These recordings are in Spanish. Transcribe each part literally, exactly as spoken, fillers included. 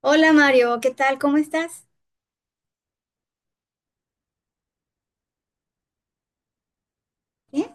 Hola Mario, ¿qué tal? ¿Cómo estás? ¿Bien?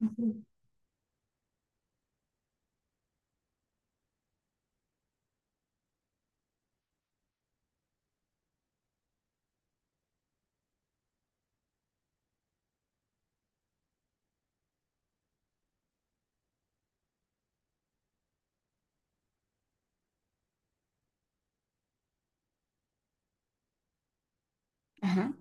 Ujú. Ajá.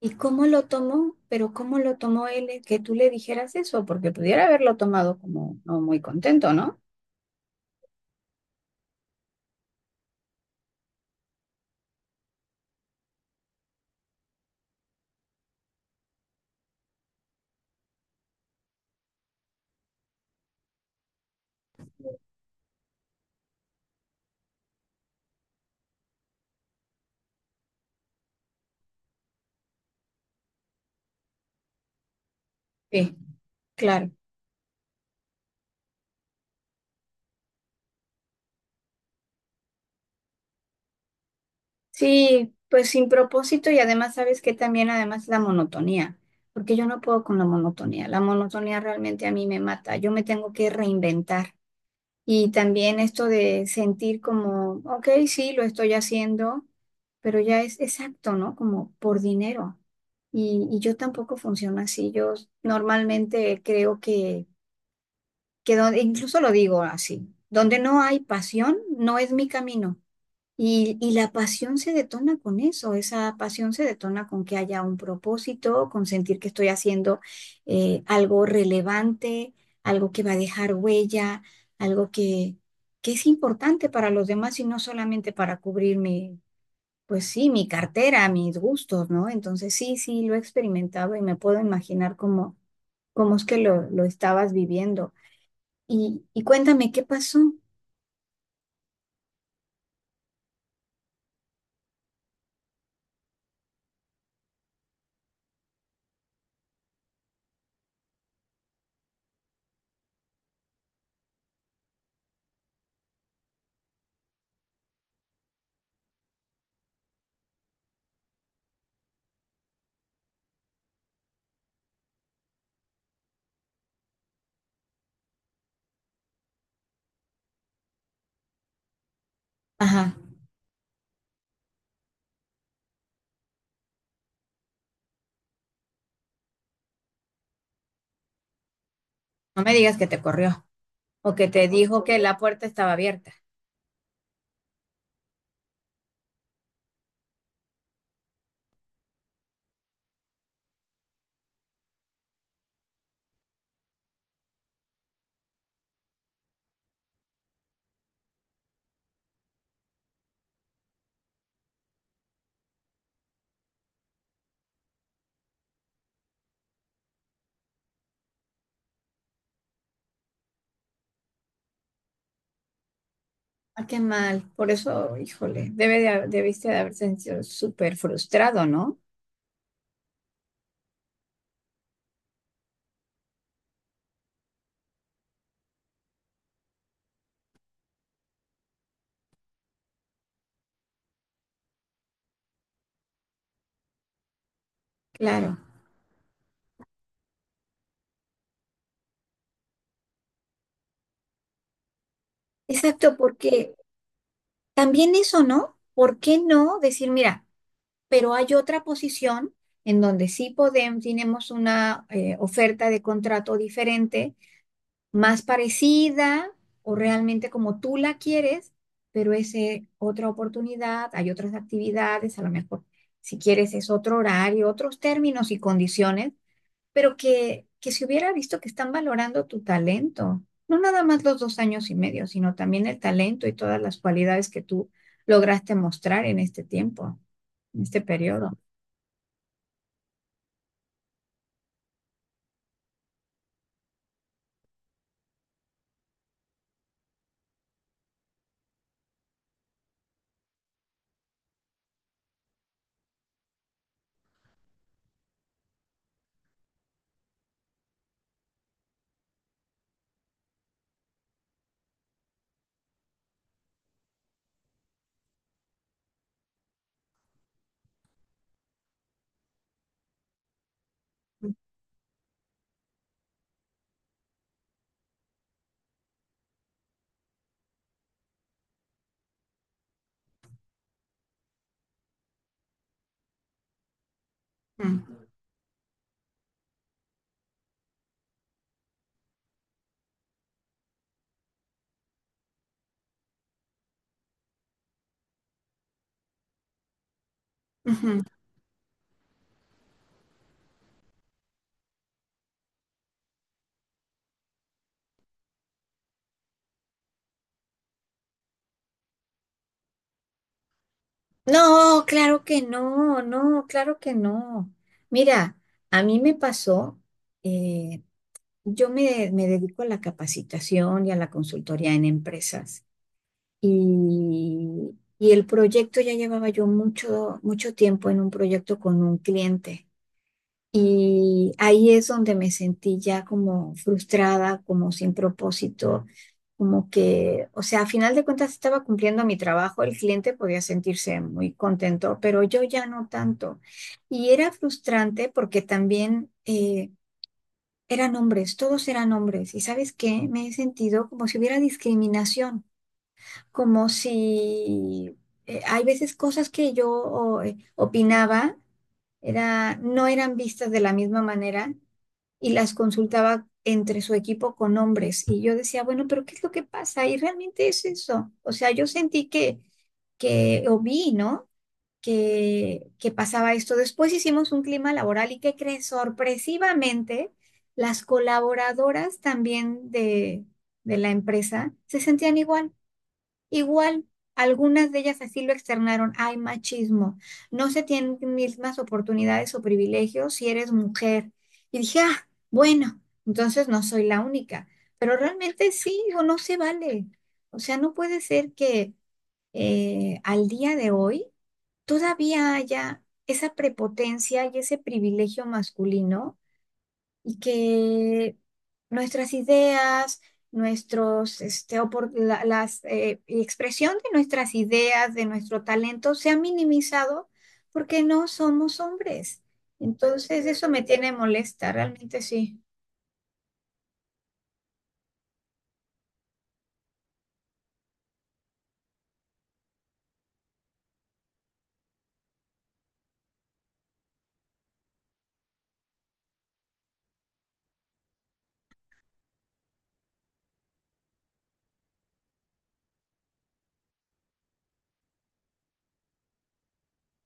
¿Y cómo lo tomó? Pero ¿cómo lo tomó él el que tú le dijeras eso? Porque pudiera haberlo tomado como no muy contento, ¿no? Sí, claro. Sí, pues sin propósito y además sabes que también además la monotonía, porque yo no puedo con la monotonía. La monotonía realmente a mí me mata. Yo me tengo que reinventar. Y también esto de sentir como, ok, sí, lo estoy haciendo, pero ya es exacto, ¿no? Como por dinero. Y, y yo tampoco funciono así. Yo normalmente creo que, que donde- incluso lo digo así, donde no hay pasión, no es mi camino. Y, y la pasión se detona con eso, esa pasión se detona con que haya un propósito, con sentir que estoy haciendo eh, algo relevante, algo que va a dejar huella, algo que, que es importante para los demás y no solamente para cubrir mi, pues sí, mi cartera, mis gustos, ¿no? Entonces sí, sí, lo he experimentado y me puedo imaginar cómo, cómo es que lo, lo estabas viviendo. Y, y cuéntame, ¿qué pasó? Ajá, no me digas que te corrió. O que te dijo que la puerta estaba abierta. Ah, qué mal. Por eso, híjole, debe de, ha- debiste de haber sentido súper frustrado, ¿no? Claro. Exacto, porque también eso, ¿no? ¿Por qué no decir? Mira, pero hay otra posición en donde sí podemos, tenemos una eh, oferta de contrato diferente, más parecida o realmente como tú la quieres, pero es eh, otra oportunidad, hay otras actividades, a lo mejor si quieres es otro horario, otros términos y condiciones, pero que, que se hubiera visto que están valorando tu talento, no nada más los dos años y medio, sino también el talento y todas las cualidades que tú lograste mostrar en este tiempo, en este periodo. Mm. Ujú. No, claro que no, no, claro que no. Mira, a mí me pasó, eh, yo me, me dedico a la capacitación y a la consultoría en empresas y, y el proyecto ya llevaba yo mucho, mucho tiempo en un proyecto con un cliente y ahí es donde me sentí ya como frustrada, como sin propósito, como que, o sea, a final de cuentas estaba cumpliendo mi trabajo, el cliente podía sentirse muy contento, pero yo ya no tanto. Y era frustrante porque también eh, eran hombres, todos eran hombres. ¿Y sabes qué? Me he sentido como si hubiera discriminación, como si eh, hay veces cosas que yo o- eh, opinaba. Era, no eran vistas de la misma manera y las consultaba entre su equipo con hombres. Y yo decía, bueno, pero ¿qué es lo que pasa? Y realmente es eso. O sea, yo sentí que, que o vi, ¿no? Que, que pasaba esto. Después hicimos un clima laboral y ¿qué crees? Sorpresivamente, las colaboradoras también de, de la empresa se sentían igual. Igual, algunas de ellas así lo externaron. Hay machismo. No se tienen mismas oportunidades o privilegios si eres mujer. Y dije, ah, bueno, entonces no soy la única. Pero realmente sí, o no se vale. O sea, no puede ser que eh, al día de hoy todavía haya esa prepotencia y ese privilegio masculino y que nuestras ideas, nuestros, este, opor- la- las, eh, y expresión de nuestras ideas, de nuestro talento, se ha minimizado porque no somos hombres. Entonces, eso me tiene molesta, realmente sí.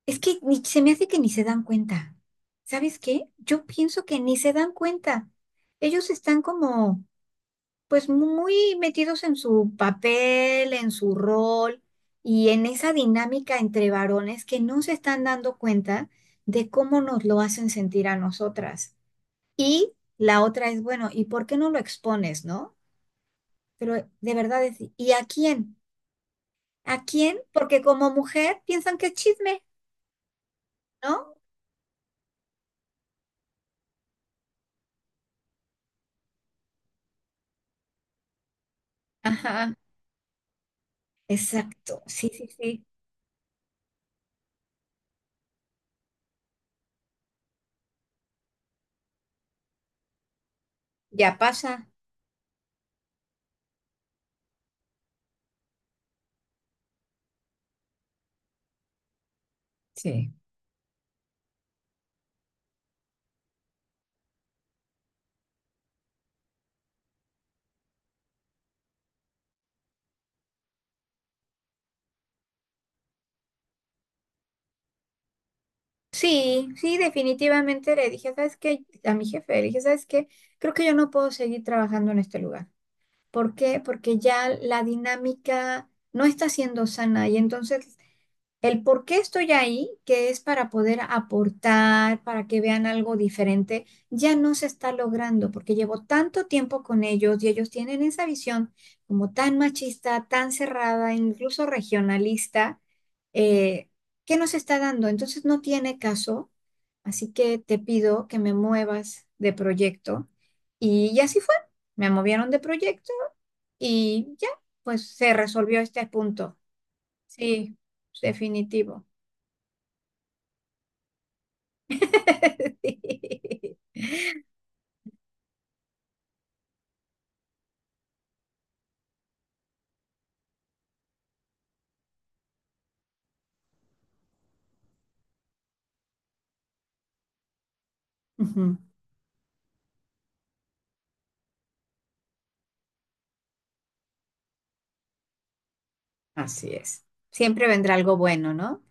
Es que ni- se me hace que ni se dan cuenta. ¿Sabes qué? Yo pienso que ni se dan cuenta. Ellos están como pues muy metidos en su papel, en su rol y en esa dinámica entre varones que no se están dando cuenta de cómo nos lo hacen sentir a nosotras. Y la otra es, bueno, ¿y por qué no lo expones, no? Pero de verdad es, ¿y a quién? ¿A quién? Porque como mujer piensan que es chisme, ¿no? Ajá, exacto, sí, sí, sí, ya pasa. Sí. Sí, sí, definitivamente le dije, ¿sabes qué? A mi jefe le dije, ¿sabes qué? Creo que yo no puedo seguir trabajando en este lugar. ¿Por qué? Porque ya la dinámica no está siendo sana y entonces el por qué estoy ahí, que es para poder aportar, para que vean algo diferente, ya no se está logrando porque llevo tanto tiempo con ellos y ellos tienen esa visión como tan machista, tan cerrada, incluso regionalista, eh, que no se está dando. Entonces no tiene caso, así que te pido que me muevas de proyecto. Y, y así fue, me movieron de proyecto y ya, pues se resolvió este punto. Sí, definitivo. Sí. Ujú. Así es. Siempre vendrá algo bueno, ¿no?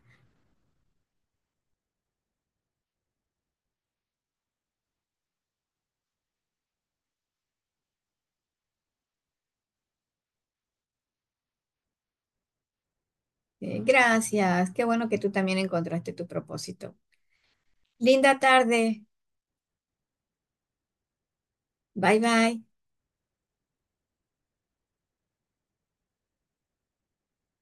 Eh, gracias. Qué bueno que tú también encontraste tu propósito. Linda tarde. Bye bye.